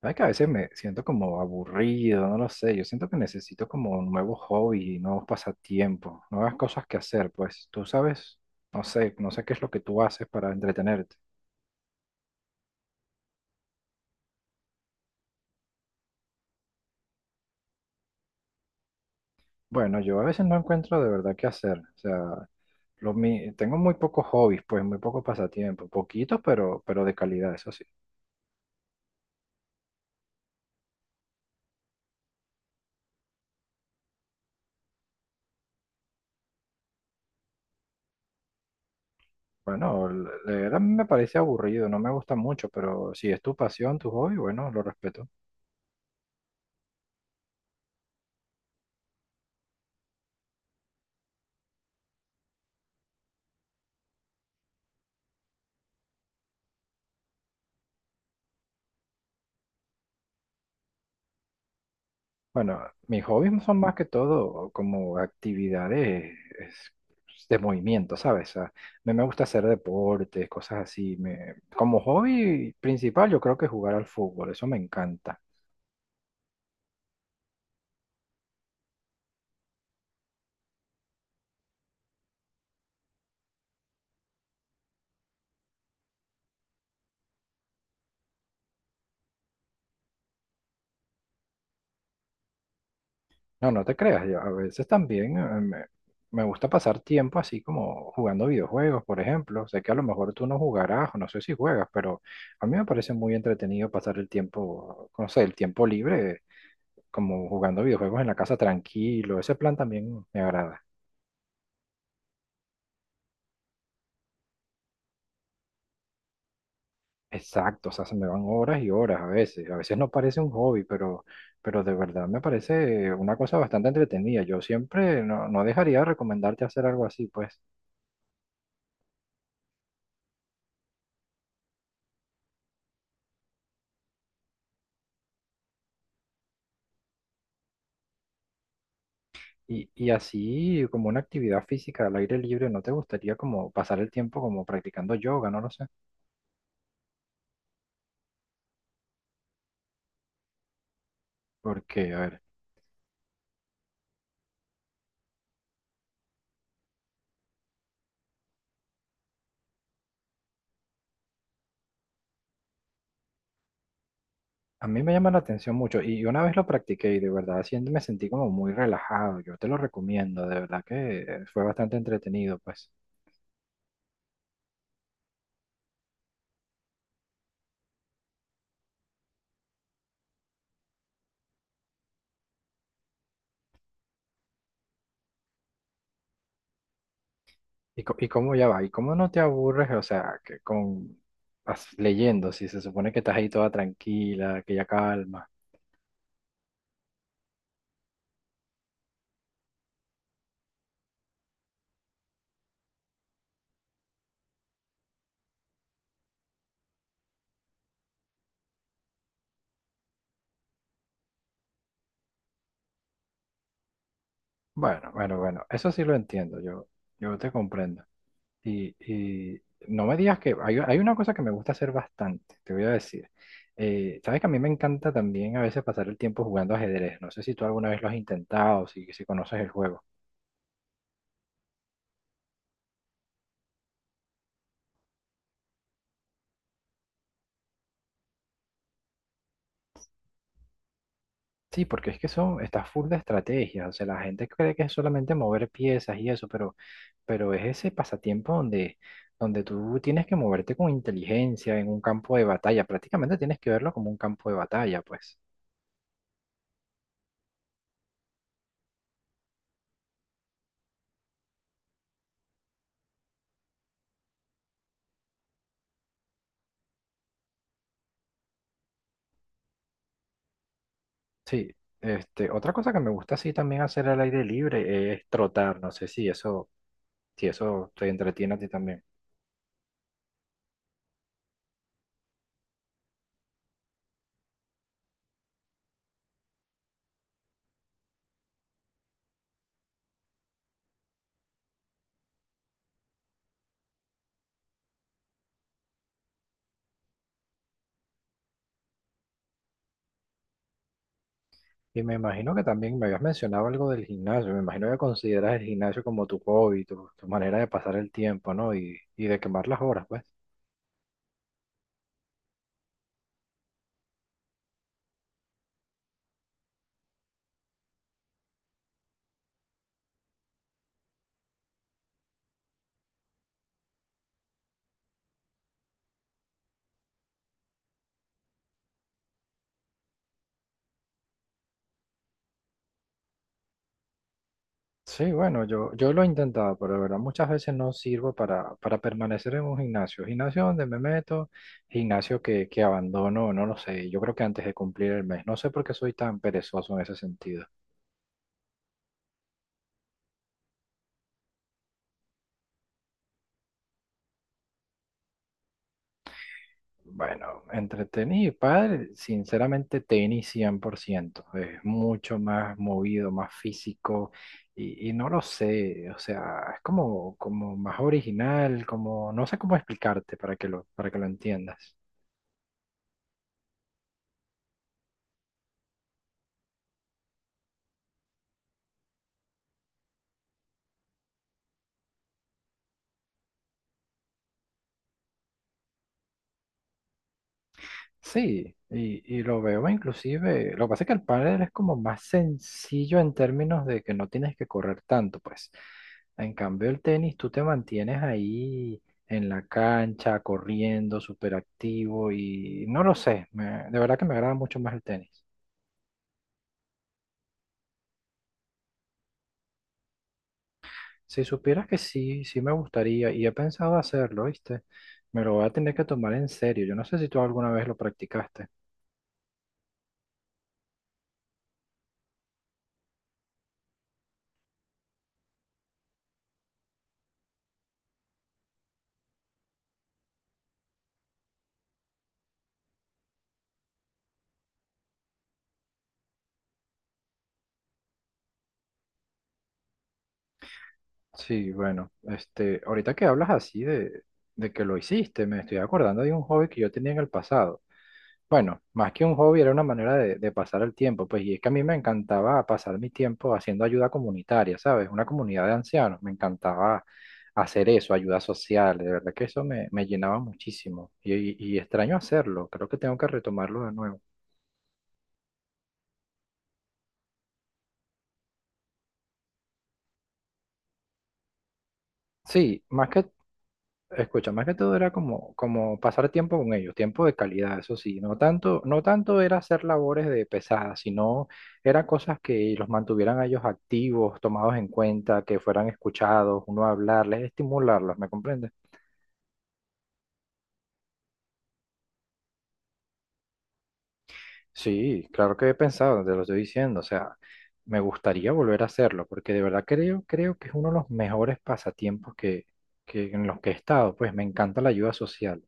¿Sabes que a veces me siento como aburrido? No lo sé. Yo siento que necesito como nuevos hobbies, nuevos pasatiempos, nuevas cosas que hacer. Pues tú sabes, no sé, no sé qué es lo que tú haces para entretenerte. Bueno, yo a veces no encuentro de verdad qué hacer. O sea, tengo muy pocos hobbies, pues muy pocos pasatiempos. Poquitos, pero de calidad, eso sí. Bueno, leer a mí me parece aburrido, no me gusta mucho, pero si es tu pasión, tu hobby, bueno, lo respeto. Bueno, mis hobbies son más que todo como actividades es, pues, de movimiento, ¿sabes? O sea, me gusta hacer deportes, cosas así. Me, como hobby principal yo creo que jugar al fútbol, eso me encanta. No, no te creas, yo a veces también me, me gusta pasar tiempo así como jugando videojuegos, por ejemplo. Sé que a lo mejor tú no jugarás, o no sé si juegas, pero a mí me parece muy entretenido pasar el tiempo, no sé, el tiempo libre como jugando videojuegos en la casa tranquilo. Ese plan también me agrada. Exacto, o sea, se me van horas y horas a veces. A veces no parece un hobby, pero de verdad me parece una cosa bastante entretenida. Yo siempre no, no dejaría de recomendarte hacer algo así, pues. Y así como una actividad física al aire libre, ¿no te gustaría como pasar el tiempo como practicando yoga? No lo sé. Porque, a ver, a mí me llama la atención mucho y una vez lo practiqué y de verdad siento, me sentí como muy relajado. Yo te lo recomiendo, de verdad que fue bastante entretenido, pues. ¿Y, co- y cómo ya va? ¿Y cómo no te aburres? O sea, que con leyendo, si se supone que estás ahí toda tranquila, que ya calma. Bueno, bueno, bueno, eso sí lo entiendo, yo te comprendo. Y no me digas que hay una cosa que me gusta hacer bastante, te voy a decir. Sabes que a mí me encanta también a veces pasar el tiempo jugando ajedrez. No sé si tú alguna vez lo has intentado, si, si conoces el juego. Sí, porque es que eso está full de estrategias. O sea, la gente cree que es solamente mover piezas y eso, pero es ese pasatiempo donde, donde tú tienes que moverte con inteligencia en un campo de batalla. Prácticamente tienes que verlo como un campo de batalla, pues. Sí, este, otra cosa que me gusta así también hacer al aire libre es trotar. No sé si eso, si eso te entretiene a ti también. Y me imagino que también me habías mencionado algo del gimnasio. Me imagino que consideras el gimnasio como tu hobby, tu manera de pasar el tiempo, ¿no? Y de quemar las horas, pues. Sí, bueno, yo lo he intentado, pero de verdad muchas veces no sirvo para permanecer en un gimnasio. Gimnasio donde me meto, gimnasio que abandono, no lo sé. Yo creo que antes de cumplir el mes. No sé por qué soy tan perezoso en ese sentido. Bueno, entre tenis y pádel, sinceramente tenis 100%. Es mucho más movido, más físico y no lo sé. O sea, es como, como más original, como, no sé cómo explicarte para que lo entiendas. Sí, y lo veo inclusive, lo que pasa es que el pádel es como más sencillo en términos de que no tienes que correr tanto, pues. En cambio el tenis, tú te mantienes ahí en la cancha, corriendo, súper activo y no lo sé, me- de verdad que me agrada mucho más el tenis. Si supieras que sí, sí me gustaría y he pensado hacerlo, ¿viste? Me lo voy a tener que tomar en serio. Yo no sé si tú alguna vez lo practicaste. Sí, bueno, este, ahorita que hablas así de que lo hiciste, me estoy acordando de un hobby que yo tenía en el pasado. Bueno, más que un hobby era una manera de pasar el tiempo, pues y es que a mí me encantaba pasar mi tiempo haciendo ayuda comunitaria, ¿sabes? Una comunidad de ancianos, me encantaba hacer eso, ayuda social, de verdad que eso me, me llenaba muchísimo y extraño hacerlo, creo que tengo que retomarlo de nuevo. Sí, más que escucha, más que todo era como, como pasar tiempo con ellos, tiempo de calidad, eso sí, no tanto, no tanto era hacer labores de pesadas, sino era cosas que los mantuvieran a ellos activos, tomados en cuenta, que fueran escuchados, uno hablarles, estimularlos, ¿me comprendes? Sí, claro que he pensado, te lo estoy diciendo, o sea, me gustaría volver a hacerlo, porque de verdad creo, creo que es uno de los mejores pasatiempos que en los que he estado, pues me encanta la ayuda social.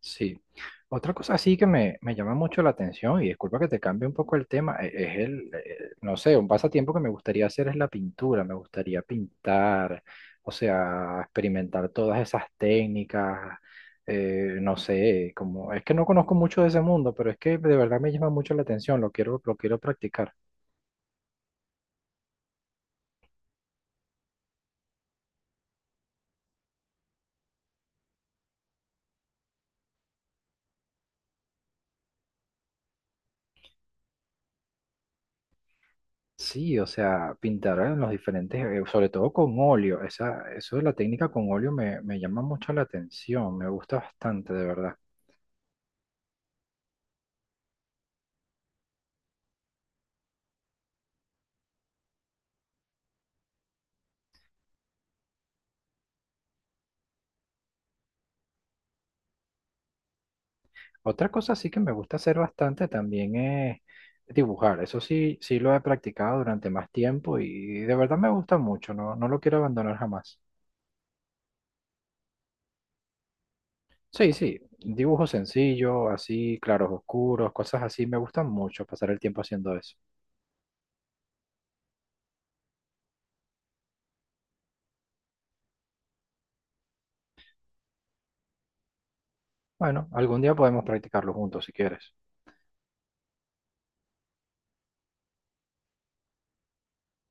Sí. Otra cosa así que me llama mucho la atención, y disculpa que te cambie un poco el tema, es el, no sé, un pasatiempo que me gustaría hacer es la pintura, me gustaría pintar, o sea, experimentar todas esas técnicas, no sé, como, es que no conozco mucho de ese mundo, pero es que de verdad me llama mucho la atención, lo quiero practicar. Sí, o sea, pintar en los diferentes, sobre todo con óleo, esa, eso de la técnica con óleo me, me llama mucho la atención, me gusta bastante, de verdad. Otra cosa sí que me gusta hacer bastante también es dibujar. Eso sí, sí lo he practicado durante más tiempo y de verdad me gusta mucho, no, no lo quiero abandonar jamás. Sí, sí, dibujos sencillos, así, claros oscuros, cosas así, me gustan mucho pasar el tiempo haciendo eso. Bueno, algún día podemos practicarlo juntos si quieres.